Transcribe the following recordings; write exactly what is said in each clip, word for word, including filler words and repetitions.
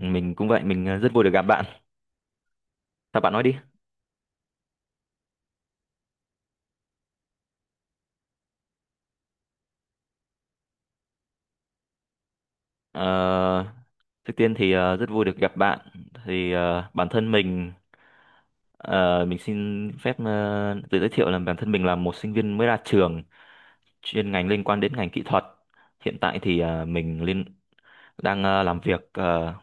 Mình cũng vậy, mình ờ, rất vui được gặp bạn. Sao bạn nói đi. Ờ, trước tiên thì ờ, rất vui được gặp bạn. Thì ờ, bản thân mình, ờ, mình xin phép ờ, tự giới thiệu là bản thân mình là một sinh viên mới ra trường, chuyên ngành liên quan đến ngành kỹ thuật. Hiện tại thì ờ, mình liên đang ờ, làm việc ờ,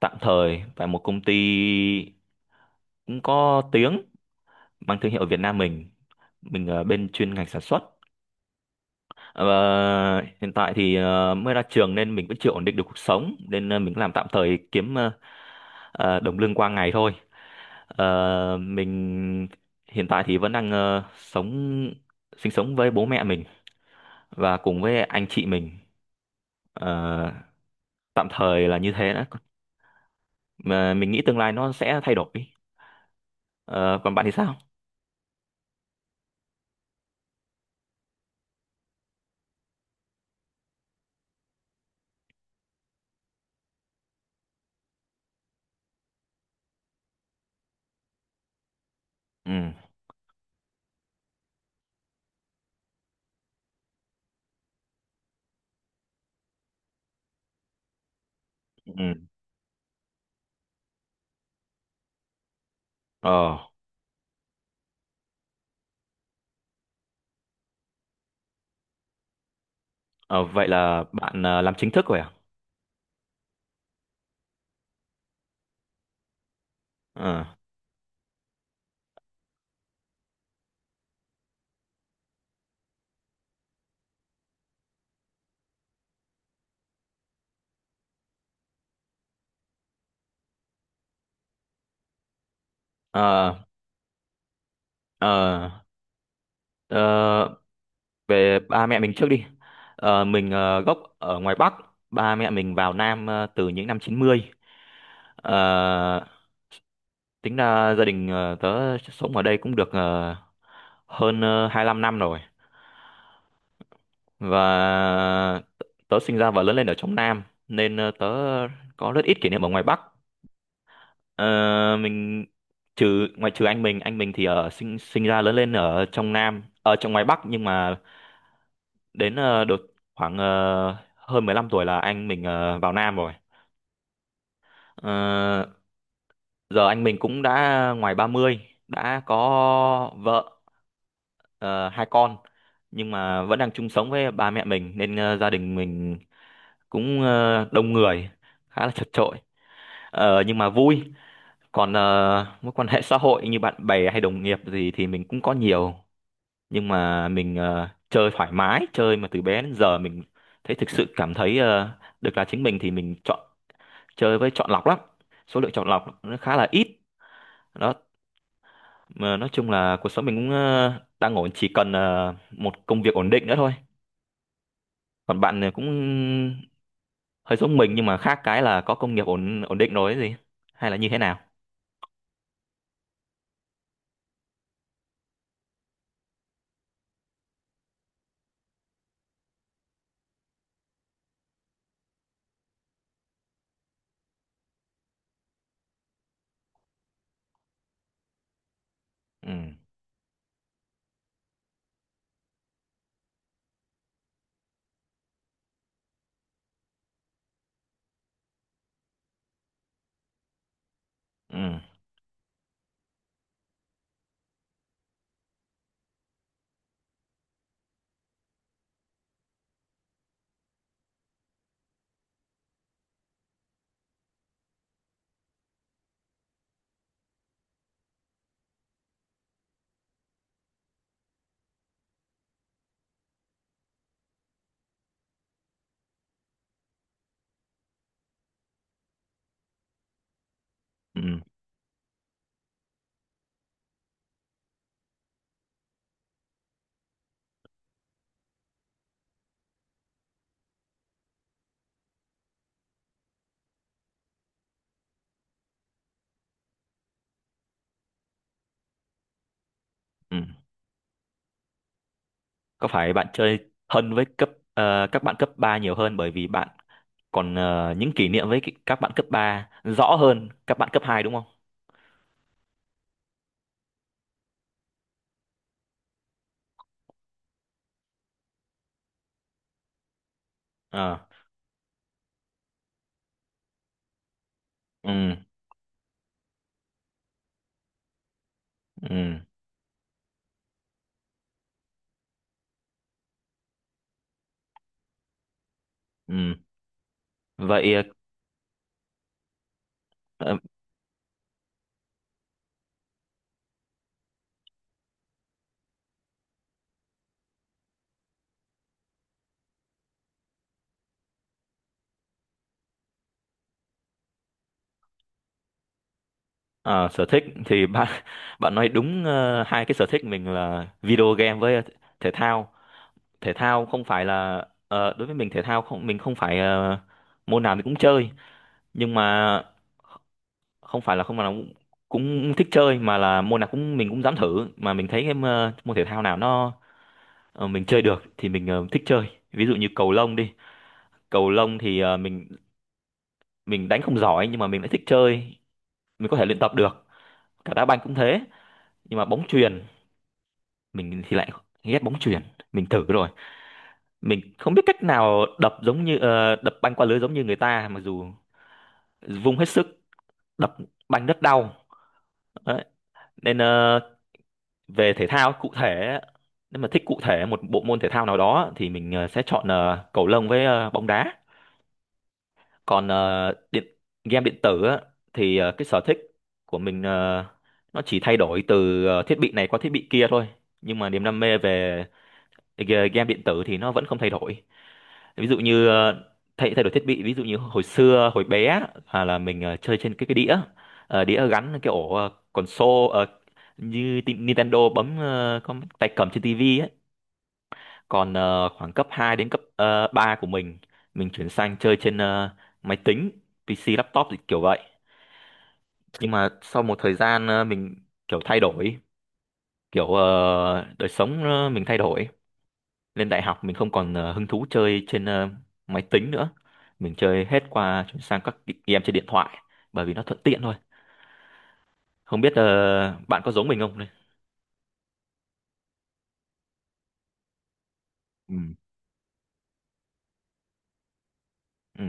tạm thời tại một công ty cũng có tiếng, mang thương hiệu ở Việt Nam mình. Mình ở bên chuyên ngành sản xuất. Ờ, hiện tại thì ờ, mới ra trường nên mình vẫn chưa ổn định được cuộc sống, nên ờ, mình làm tạm thời, kiếm ờ, ờ, đồng lương qua ngày thôi. Ờ, mình hiện tại thì vẫn đang ờ, sống sinh sống với bố mẹ mình và cùng với anh chị mình. Ờ, tạm thời là như thế đó. Mà mình nghĩ tương lai nó sẽ thay đổi. Ờ, còn bạn thì sao? Ừ. Ừ. Ờ, ờ, vậy là bạn ờ, làm chính thức rồi à? Ờ. Ờ, ờ, ờ, về ba mẹ mình trước đi. Ờ, mình ờ, gốc ở ngoài Bắc. Ba mẹ mình vào Nam ờ, từ những năm chín mươi. Ờ, tính ra gia đình ờ, tớ sống ở đây cũng được ờ, hơn ờ, hai lăm năm rồi, và tớ sinh ra và lớn lên ở trong Nam, nên ờ, tớ có rất ít kỷ niệm ở ngoài Bắc. Ờ, mình trừ ngoại trừ anh mình anh mình thì ở sinh sinh ra lớn lên ở trong Nam, ở trong ngoài Bắc, nhưng mà đến ờ, đợt khoảng ờ, hơn mười lăm tuổi là anh mình ờ, vào Nam rồi. Ờ, giờ anh mình cũng đã ngoài ba mươi, đã có vợ, ờ, hai con, nhưng mà vẫn đang chung sống với ba mẹ mình, nên ờ, gia đình mình cũng ờ, đông người, khá là chật chội. Ờ, nhưng mà vui. Còn ờ, mối quan hệ xã hội như bạn bè hay đồng nghiệp gì thì mình cũng có nhiều, nhưng mà mình ờ, chơi thoải mái, chơi mà từ bé đến giờ mình thấy, thực sự cảm thấy ờ, được là chính mình, thì mình chọn chơi với chọn lọc lắm, số lượng chọn lọc nó khá là ít đó. Mà nói chung là cuộc sống mình cũng ờ, đang ổn, chỉ cần ờ, một công việc ổn định nữa thôi. Còn bạn này cũng hơi giống mình, nhưng mà khác cái là có công nghiệp ổn ổn định rồi ấy gì, hay là như thế nào? Ừ. Ừ. Ừ. Ừ. Có phải bạn chơi thân với cấp ờ, các bạn cấp ba nhiều hơn, bởi vì bạn còn ờ, những kỷ niệm với các bạn cấp ba rõ hơn các bạn cấp hai đúng không? Ờ. Ừ. Ừ. Ừ. Vậy ờ, ờ, sở thích thì bạn bạn nói đúng, ờ, hai cái sở thích mình là video game với thể thao. Thể thao không phải là, ờ, đối với mình thể thao không, mình không phải ờ, môn nào mình cũng chơi, nhưng mà không phải là không nào cũng cũng thích chơi, mà là môn nào cũng mình cũng dám thử, mà mình thấy cái ờ, môn thể thao nào nó, Ờ, mình chơi được thì mình ờ, thích chơi. Ví dụ như cầu lông đi. Cầu lông thì ờ, mình mình đánh không giỏi nhưng mà mình lại thích chơi, mình có thể luyện tập được, cả đá banh cũng thế. Nhưng mà bóng chuyền, mình thì lại ghét bóng chuyền. Mình thử rồi, mình không biết cách nào đập giống như, ờ, đập banh qua lưới giống như người ta, mặc dù vung hết sức đập banh rất đau. Đấy. Nên ờ, về thể thao cụ thể, nếu mà thích cụ thể một bộ môn thể thao nào đó thì mình ờ, sẽ chọn ờ, cầu lông với ờ, bóng đá. Còn ờ, điện game điện tử á, thì ờ, cái sở thích của mình, ờ, nó chỉ thay đổi từ ờ, thiết bị này qua thiết bị kia thôi, nhưng mà niềm đam mê về g- game điện tử thì nó vẫn không thay đổi. Ví dụ như ờ, thay thay đổi thiết bị, ví dụ như hồi xưa hồi bé á, à, là mình ờ, chơi trên cái cái đĩa. Ờ, đĩa gắn cái ổ ờ, console, ờ, như Ti- Nintendo, bấm ờ, con tay cầm trên tivi. Còn ờ, khoảng cấp hai đến cấp uh, ba của mình, mình chuyển sang chơi trên ờ, máy tính, pê xê, laptop thì kiểu vậy. Nhưng mà sau một thời gian ờ, mình kiểu thay đổi, kiểu ờ, đời sống ờ, mình thay đổi. Lên đại học mình không còn ờ, hứng thú chơi trên ờ, máy tính nữa. Mình chơi hết qua, chuyển sang các game trên điện thoại, bởi vì nó thuận tiện thôi. Không biết ờ, bạn có giống mình không đây? Ừ. Ừ.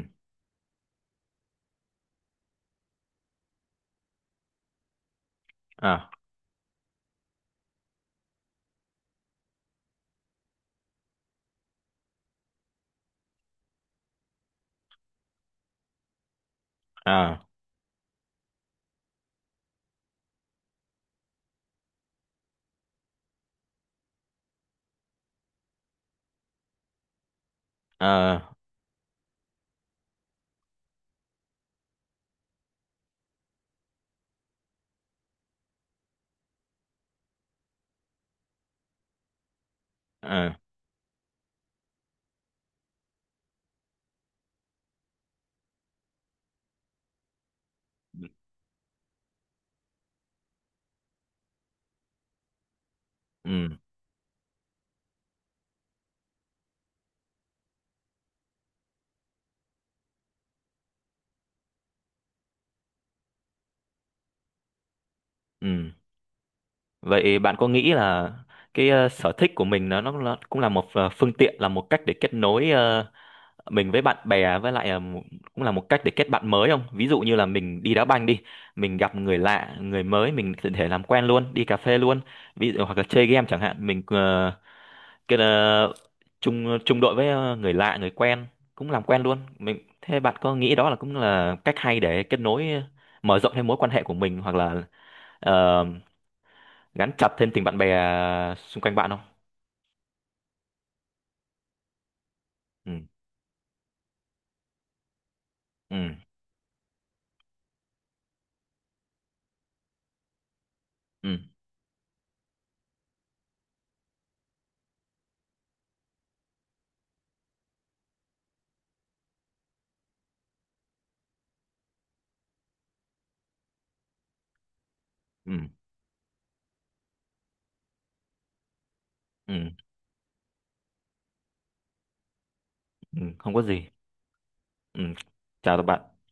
À, à, à, à, ừ, ừ. Vậy bạn có nghĩ là cái ờ, sở thích của mình nó nó nó cũng là một ờ, phương tiện, là một cách để kết nối ờ, mình với bạn bè, với lại ờ, một- cũng là một cách để kết bạn mới không? Ví dụ như là mình đi đá banh đi, mình gặp người lạ, người mới mình có thể làm quen luôn, đi cà phê luôn. Ví dụ hoặc là chơi game chẳng hạn, mình ờ, cái ờ, chung chung đội với ờ, người lạ, người quen cũng làm quen luôn. Mình, thế bạn có nghĩ đó là cũng là cách hay để kết nối, ờ, mở rộng thêm mối quan hệ của mình, hoặc là ờ, gắn chặt thêm tình bạn bè, à, xung quanh bạn không? Ừ, ừ, ừ, ừ, ừ, ừ. ừ, không có gì. Ừ. Chào các bạn.